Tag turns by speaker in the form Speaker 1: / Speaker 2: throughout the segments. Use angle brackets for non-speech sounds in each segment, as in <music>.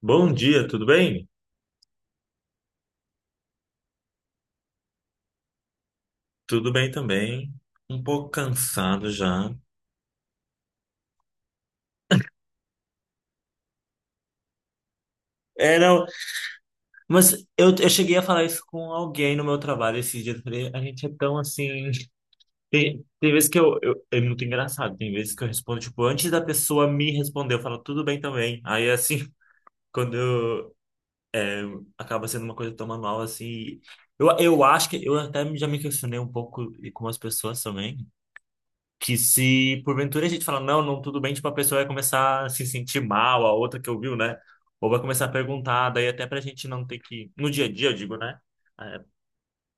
Speaker 1: Bom dia, tudo bem? Tudo bem também. Um pouco cansado já. É, não, mas eu cheguei a falar isso com alguém no meu trabalho esses dias. Eu falei, a gente é tão assim. Tem vezes que eu, eu. É muito engraçado. Tem vezes que eu respondo, tipo, antes da pessoa me responder, eu falo, tudo bem também. Aí, assim, <laughs> quando eu, acaba sendo uma coisa tão manual, assim. Eu acho que. Eu até já me questionei um pouco com as pessoas também. Que se porventura a gente fala não, não, tudo bem, tipo, a pessoa vai começar a se sentir mal, a outra que ouviu, né? Ou vai começar a perguntar, daí até pra gente não ter que, no dia a dia, eu digo, né?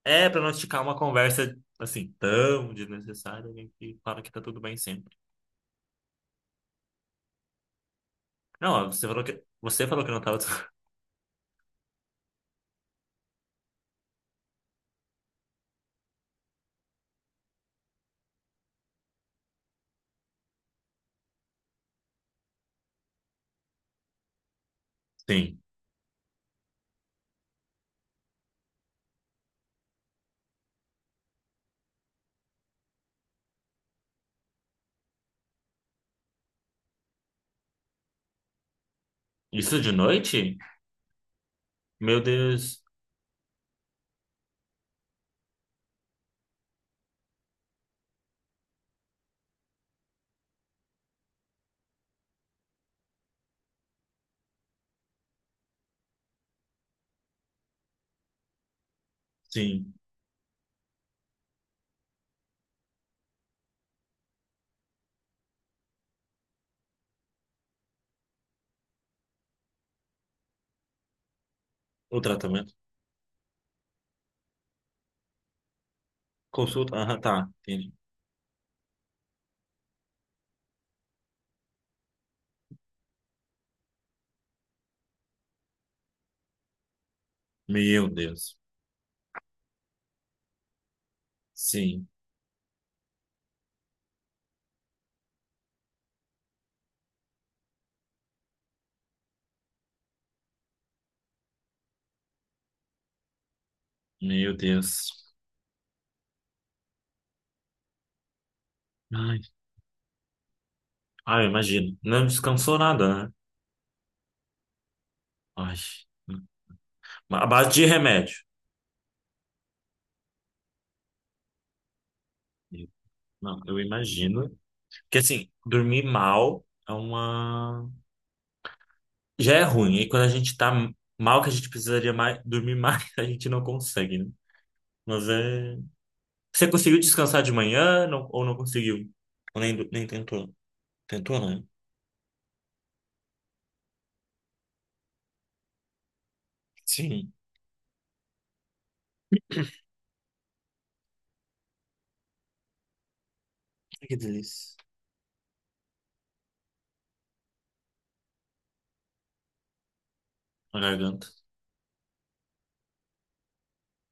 Speaker 1: É, é pra não esticar uma conversa, assim, tão desnecessária, a gente fala que tá tudo bem sempre. Não, ó, você falou que não tava... <laughs> Sim. Isso de noite? Meu Deus. Sim. O tratamento. Consulta. Aham, tá. Entendi. Meu Deus. Sim. Meu Deus. Ai, ai, imagino. Não descansou nada, né? Ai, a base de remédio. Eu- Não, eu imagino. Porque assim, dormir mal é uma. Já é ruim. E quando a gente tá mal, que a gente precisaria mais, dormir mais, <laughs> a gente não consegue, né? Mas é. Você conseguiu descansar de manhã não- ou não conseguiu? Ou nem, do- nem tentou? Tentou, né? Sim. Ai, que delícia. A garganta.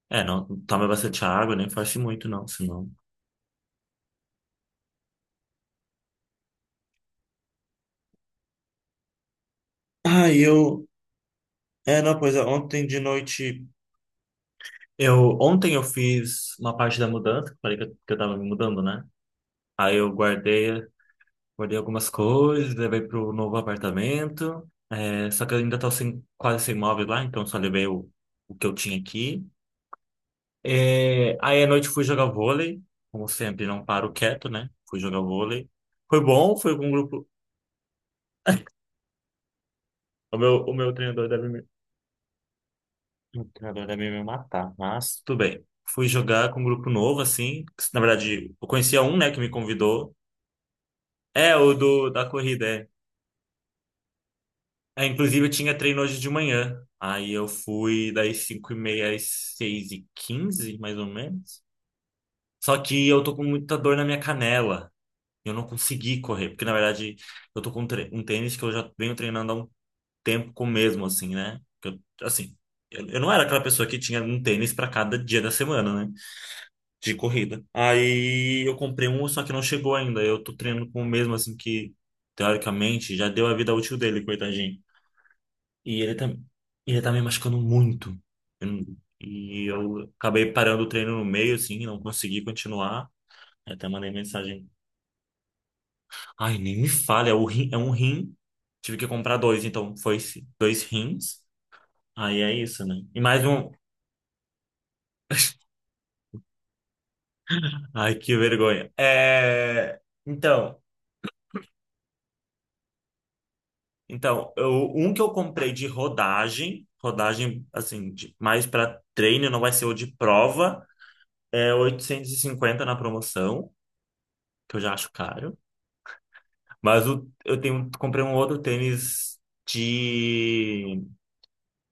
Speaker 1: É, não, toma bastante água, nem faz muito, não, senão. Ah, eu. É, não, pois é, ontem de noite. Ontem eu fiz uma parte da mudança, que eu falei que eu tava me mudando, né? Aí eu guardei algumas coisas, levei pro novo apartamento. É, só que eu ainda tô sem, quase sem móveis lá, então só levei o que eu tinha aqui. É, aí à noite fui jogar vôlei, como sempre, não paro quieto, né? Fui jogar vôlei. Foi bom, foi com um grupo. O meu treinador deve me matar, mas tudo bem. Fui jogar com um grupo novo, assim, que, na verdade, eu conhecia um, né, que me convidou. É, da corrida, é. É, inclusive eu tinha treino hoje de manhã. Aí eu fui das 5h30 às 6h15, mais ou menos. Só que eu tô com muita dor na minha canela. Eu não consegui correr, porque na verdade eu tô com um tênis que eu já venho treinando há um tempo com o mesmo, assim, né? Assim, eu não era aquela pessoa que tinha um tênis pra cada dia da semana, né? De corrida. Aí eu comprei um, só que não chegou ainda. Eu tô treinando com o mesmo, assim, que teoricamente já deu a vida útil dele, coitadinho. E ele, tá, ele tá me machucando muito. Eu não- E eu acabei parando o treino no meio, assim, não consegui continuar. Eu até mandei mensagem. Ai, nem me fale, é, o rim, é um rim. Tive que comprar dois, então dois rins. Aí é isso, né? E mais um. Ai, que vergonha. É... Então, então eu, um que eu comprei de rodagem, assim, mais para treino, não vai ser o de prova, é 850 na promoção, que eu já acho caro. Mas eu tenho, comprei um outro tênis de,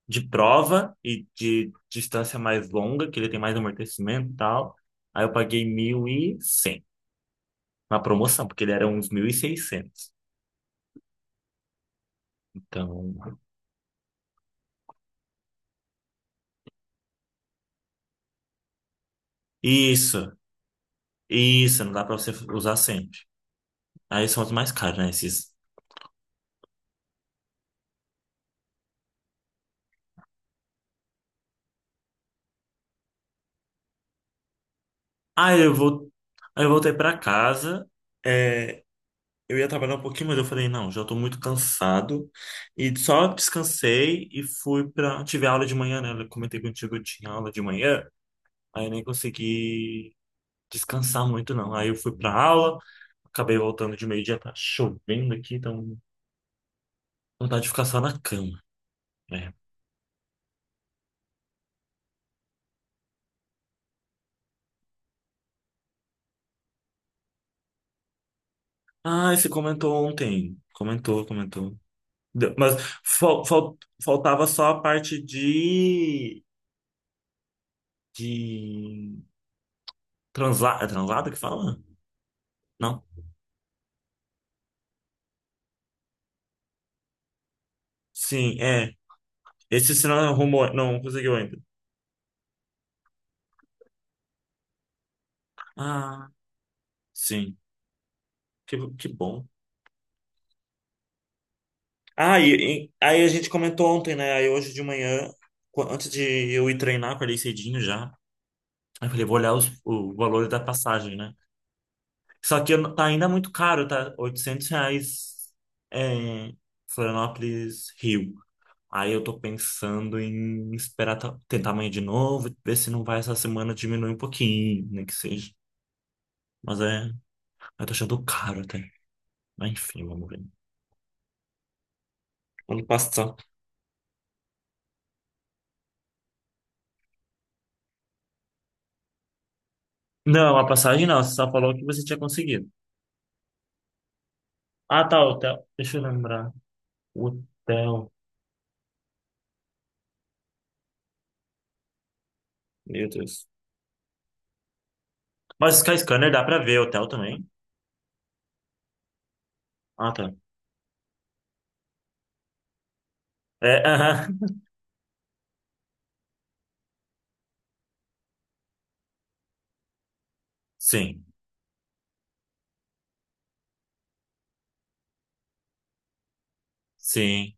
Speaker 1: de prova e de distância mais longa, que ele tem mais amortecimento e tal. Aí eu paguei 1.100 na promoção, porque ele era uns 1.600. Então, isso, isso, não dá pra você usar sempre. Aí são os mais caros, né? Esses. Aí eu vou, Aí eu voltei pra casa. é, Eu ia trabalhar um pouquinho, mas eu falei, não, já tô muito cansado. E só descansei e fui pra. Tive aula de manhã, né? Eu comentei contigo, eu tinha aula de manhã, aí eu nem consegui descansar muito, não. Aí eu fui pra aula, acabei voltando de meio-dia, tá chovendo aqui, então vontade de ficar só na cama, né? Ah, você comentou ontem. Comentou, comentou. Mas fal- fal- faltava só a parte de. De. Translado. É translado que fala? Não. Sim, é. Esse você não arrumou, não conseguiu ainda. Ah, sim. Que bom. Ah, aí a gente comentou ontem, né? Aí hoje de manhã, antes de eu ir treinar, acordei cedinho já. Aí eu falei, vou olhar o valor da passagem, né? Só que eu não- tá ainda muito caro, tá? R$ 800, é, Florianópolis, Rio. Aí eu tô pensando em esperar tentar amanhã de novo, ver se não vai essa semana diminuir um pouquinho, nem que seja. Mas é, eu tô achando caro até. Mas enfim, vamos ver. Ano passado. Não, a passagem não. Você só falou que você tinha conseguido. Ah, tá, hotel. Deixa eu lembrar. Hotel. Meu Deus. Mas Sky Scanner dá pra ver hotel também? Ah, tá. É, aham. <laughs> Sim, sim.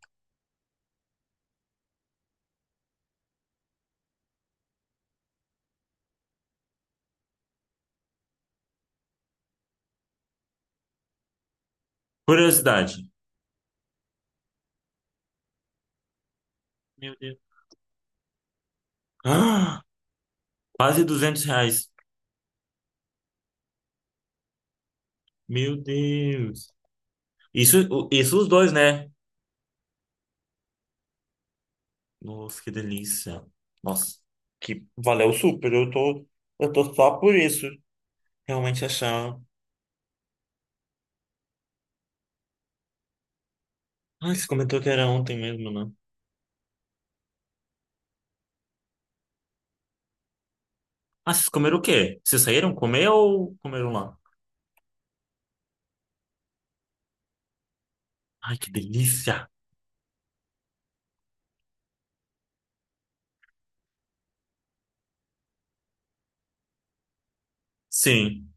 Speaker 1: Curiosidade. Meu Deus. <gasps> Ah, quase R$ 200. Meu Deus. Isso, isso os dois, né? Nossa, que delícia. Nossa. Que valeu super. Eu tô só por isso. Realmente achar. Ah, você comentou que era ontem mesmo, né? Ah, vocês comeram o quê? Vocês saíram comer ou comeram lá? Ai, que delícia! Sim.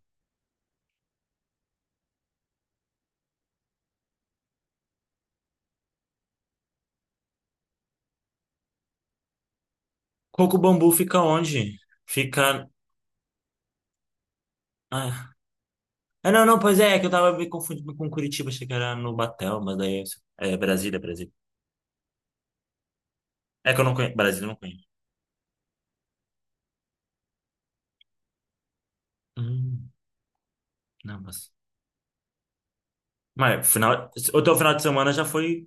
Speaker 1: Coco Bambu fica onde? Fica. Ah, Ah, não, não, pois é, é que eu tava me confundindo com Curitiba, achei que era no Batel, mas daí. É Brasília, Brasília. É que eu não conheço. Brasília eu não conheço. Hum, não, mas. O teu final de semana já foi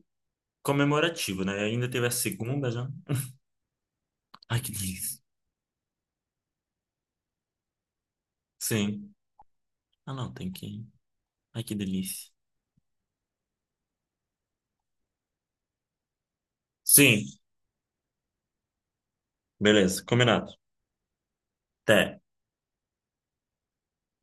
Speaker 1: comemorativo, né? Ainda teve a segunda já. Ai, que delícia. Sim. Ah, não, tem que. Ai, que delícia. Sim, beleza, combinado. Até.